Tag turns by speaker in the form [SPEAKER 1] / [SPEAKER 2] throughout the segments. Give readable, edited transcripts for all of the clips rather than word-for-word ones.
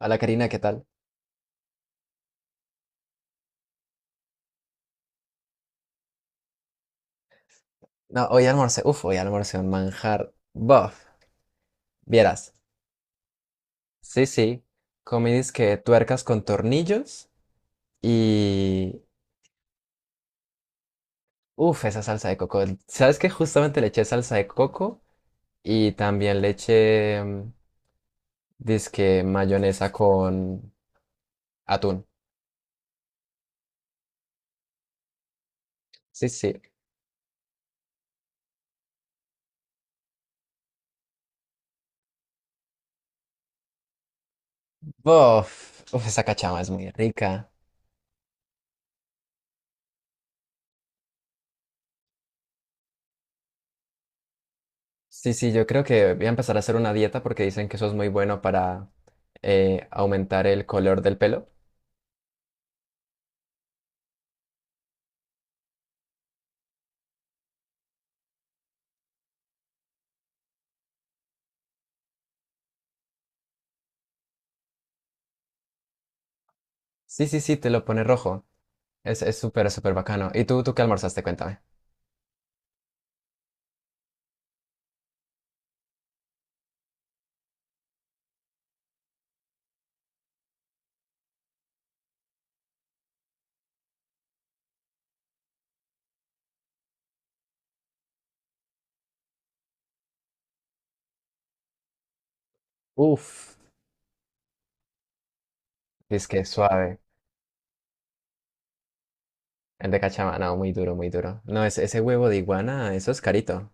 [SPEAKER 1] Hola Karina, ¿qué tal? No, hoy almorcé un manjar. Buff, vieras. Sí, sí, comí disque tuercas con tornillos y. Uf, esa salsa de coco. ¿Sabes qué? Justamente le eché salsa de coco y también le eché, dizque mayonesa con atún. Sí, sí. Bof, uf, esa cachama es muy rica. Sí, sí, yo creo que voy a empezar a hacer una dieta porque dicen que eso es muy bueno para aumentar el color del pelo. Sí, sí, sí, te lo pone rojo. Es súper, súper bacano. ¿Y tú qué almorzaste? Cuéntame. Uf, es que suave. El de cachama, no, muy duro, muy duro. No, ese huevo de iguana, eso es carito.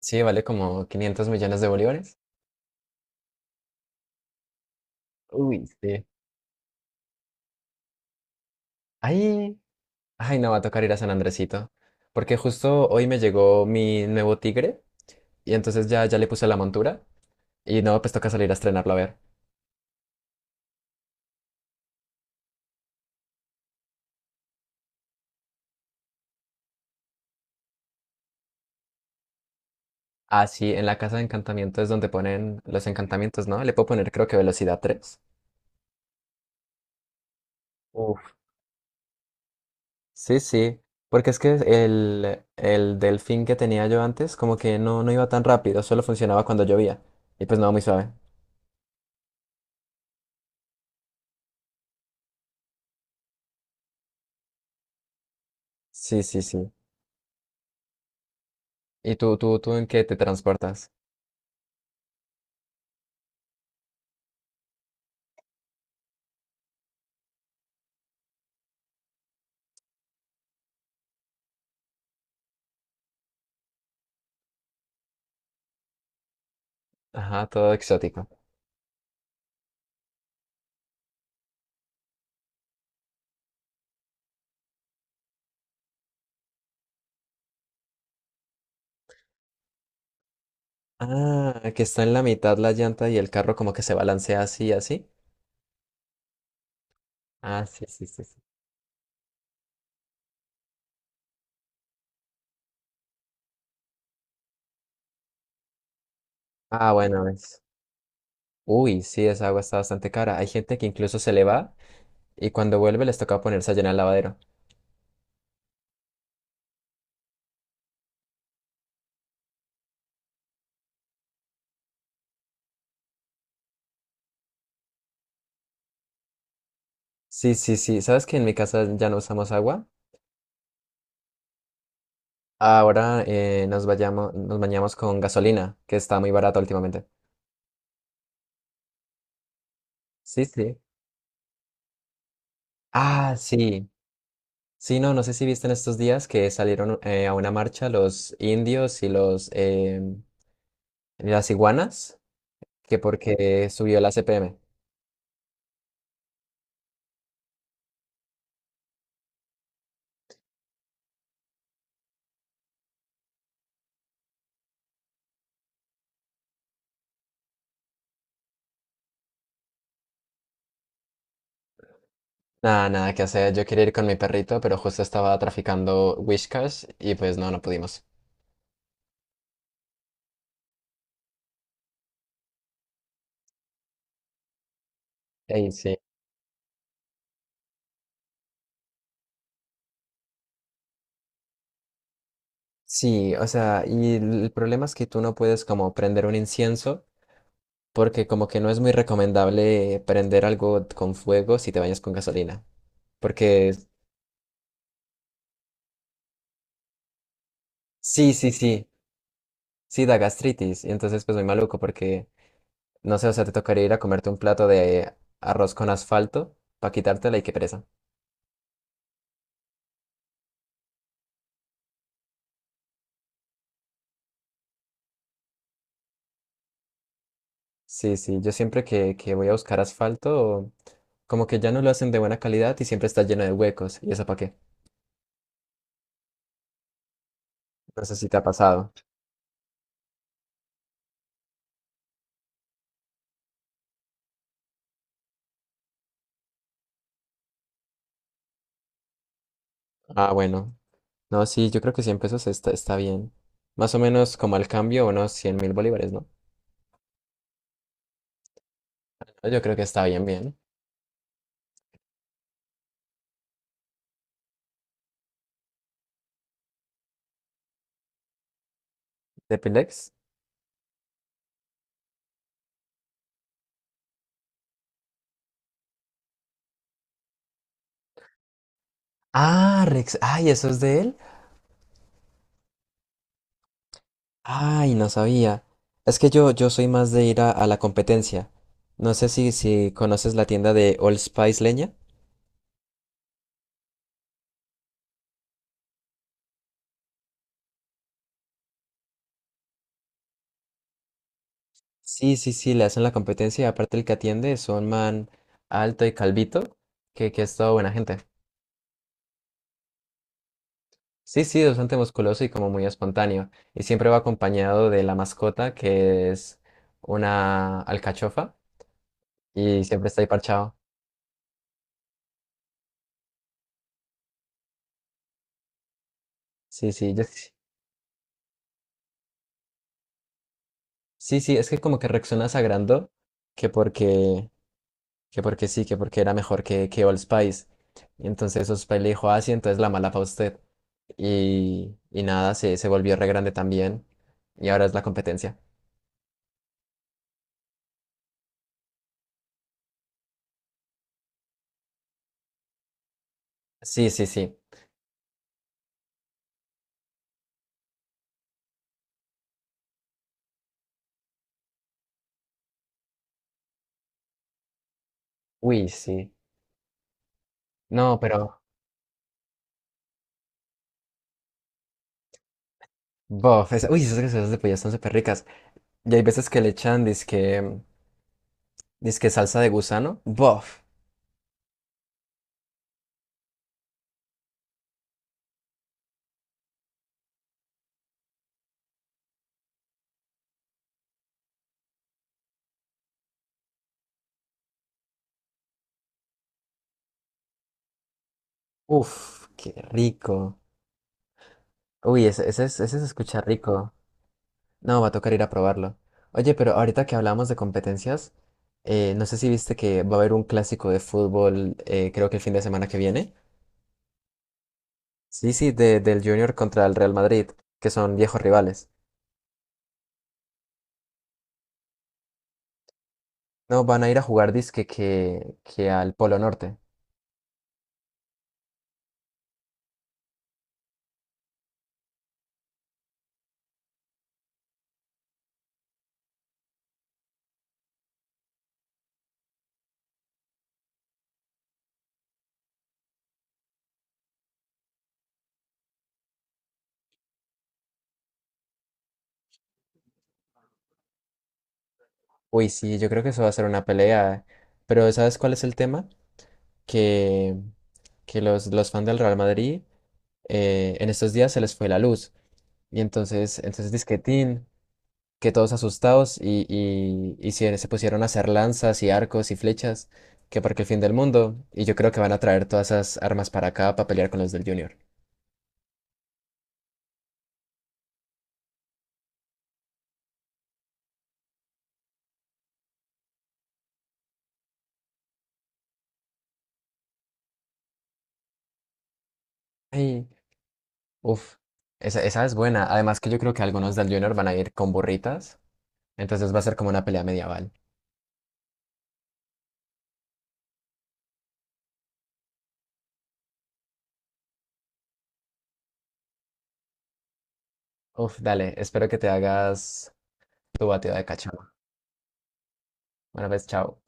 [SPEAKER 1] Sí, vale como 500 millones de bolívares. Uy, sí. Ay, ay, no, va a tocar ir a San Andresito. Porque justo hoy me llegó mi nuevo tigre y entonces ya, ya le puse la montura y no, pues toca salir a estrenarlo a ver. Ah, sí, en la casa de encantamiento es donde ponen los encantamientos, ¿no? Le puedo poner creo que velocidad 3. Sí, sí, porque es que el delfín que tenía yo antes como que no, no iba tan rápido, solo funcionaba cuando llovía. Y pues no, muy suave. Sí, sí, sí. ¿Y tú en qué te transportas? Ajá, todo exótico. Ah, que está en la mitad la llanta y el carro como que se balancea así, así. Ah, sí, sí, sí, sí. Ah, bueno, es. Uy, sí, esa agua está bastante cara. Hay gente que incluso se le va y cuando vuelve les toca ponerse a llenar el lavadero. Sí, sí, sí. ¿Sabes que en mi casa ya no usamos agua? Ahora nos bañamos con gasolina, que está muy barata últimamente. Sí, sí. Ah, sí. Sí, no, no sé si viste en estos días que salieron a una marcha los indios y los las iguanas, que porque subió la CPM. Nada, nada que hacer. Yo quería ir con mi perrito, pero justo estaba traficando Whiskas y pues no, no pudimos. Ey, sí. Sí, o sea, y el problema es que tú no puedes como prender un incienso porque como que no es muy recomendable prender algo con fuego si te bañas con gasolina. Porque sí, sí, sí, sí da gastritis. Y entonces pues muy maluco porque, no sé, o sea, te tocaría ir a comerte un plato de arroz con asfalto para quitártela y qué pereza. Sí, sí, yo siempre que voy a buscar asfalto, como que ya no lo hacen de buena calidad y siempre está lleno de huecos. ¿Y eso para qué? No sé si te ha pasado. Ah, bueno. No, sí, yo creo que 100 pesos está bien. Más o menos como al cambio, unos 100 mil bolívares, ¿no? Yo creo que está bien, bien. ¿Depilex? Ah, Rex. Ay, ¿eso es de él? Ay, no sabía. Es que yo soy más de ir a la competencia. No sé si conoces la tienda de Old Spice Leña. Sí, sí, sí, le hacen la competencia y aparte el que atiende es un man alto y calvito, que es toda buena gente. Sí, sí, bastante musculoso y como muy espontáneo. Y siempre va acompañado de la mascota, que es una alcachofa, y siempre está ahí parchado. Sí, sí, yo, sí. Sí, sí, es que como que reaccionas a que porque, que porque sí, que porque era mejor que Old Spice. Y entonces Old Spice le dijo, ah, sí, entonces la mala para usted. Y nada, se volvió re grande también. Y ahora es la competencia. Sí, sí, sí. Uy, sí. No, pero, bof, uy, esas gaseosas de pollo están súper ricas. Y hay veces que le echan disque salsa de gusano. Bof. Uf, qué rico. Uy, ese se escucha rico. No, va a tocar ir a probarlo. Oye, pero ahorita que hablamos de competencias, no sé si viste que va a haber un clásico de fútbol, creo que el fin de semana que viene. Sí, sí, del Junior contra el Real Madrid, que son viejos rivales. No, van a ir a jugar disque que al Polo Norte. Uy, sí, yo creo que eso va a ser una pelea. Pero ¿sabes cuál es el tema? Que, que los fans del Real Madrid en estos días se les fue la luz. Y entonces disquetín, que todos asustados y se pusieron a hacer lanzas y arcos y flechas, que porque el fin del mundo, y yo creo que van a traer todas esas armas para acá para pelear con los del Junior. Ay, uff, esa es buena. Además que yo creo que algunos del Junior van a ir con burritas, entonces va a ser como una pelea medieval. Uf, dale, espero que te hagas tu batida de cachama. Bueno, pues, chao.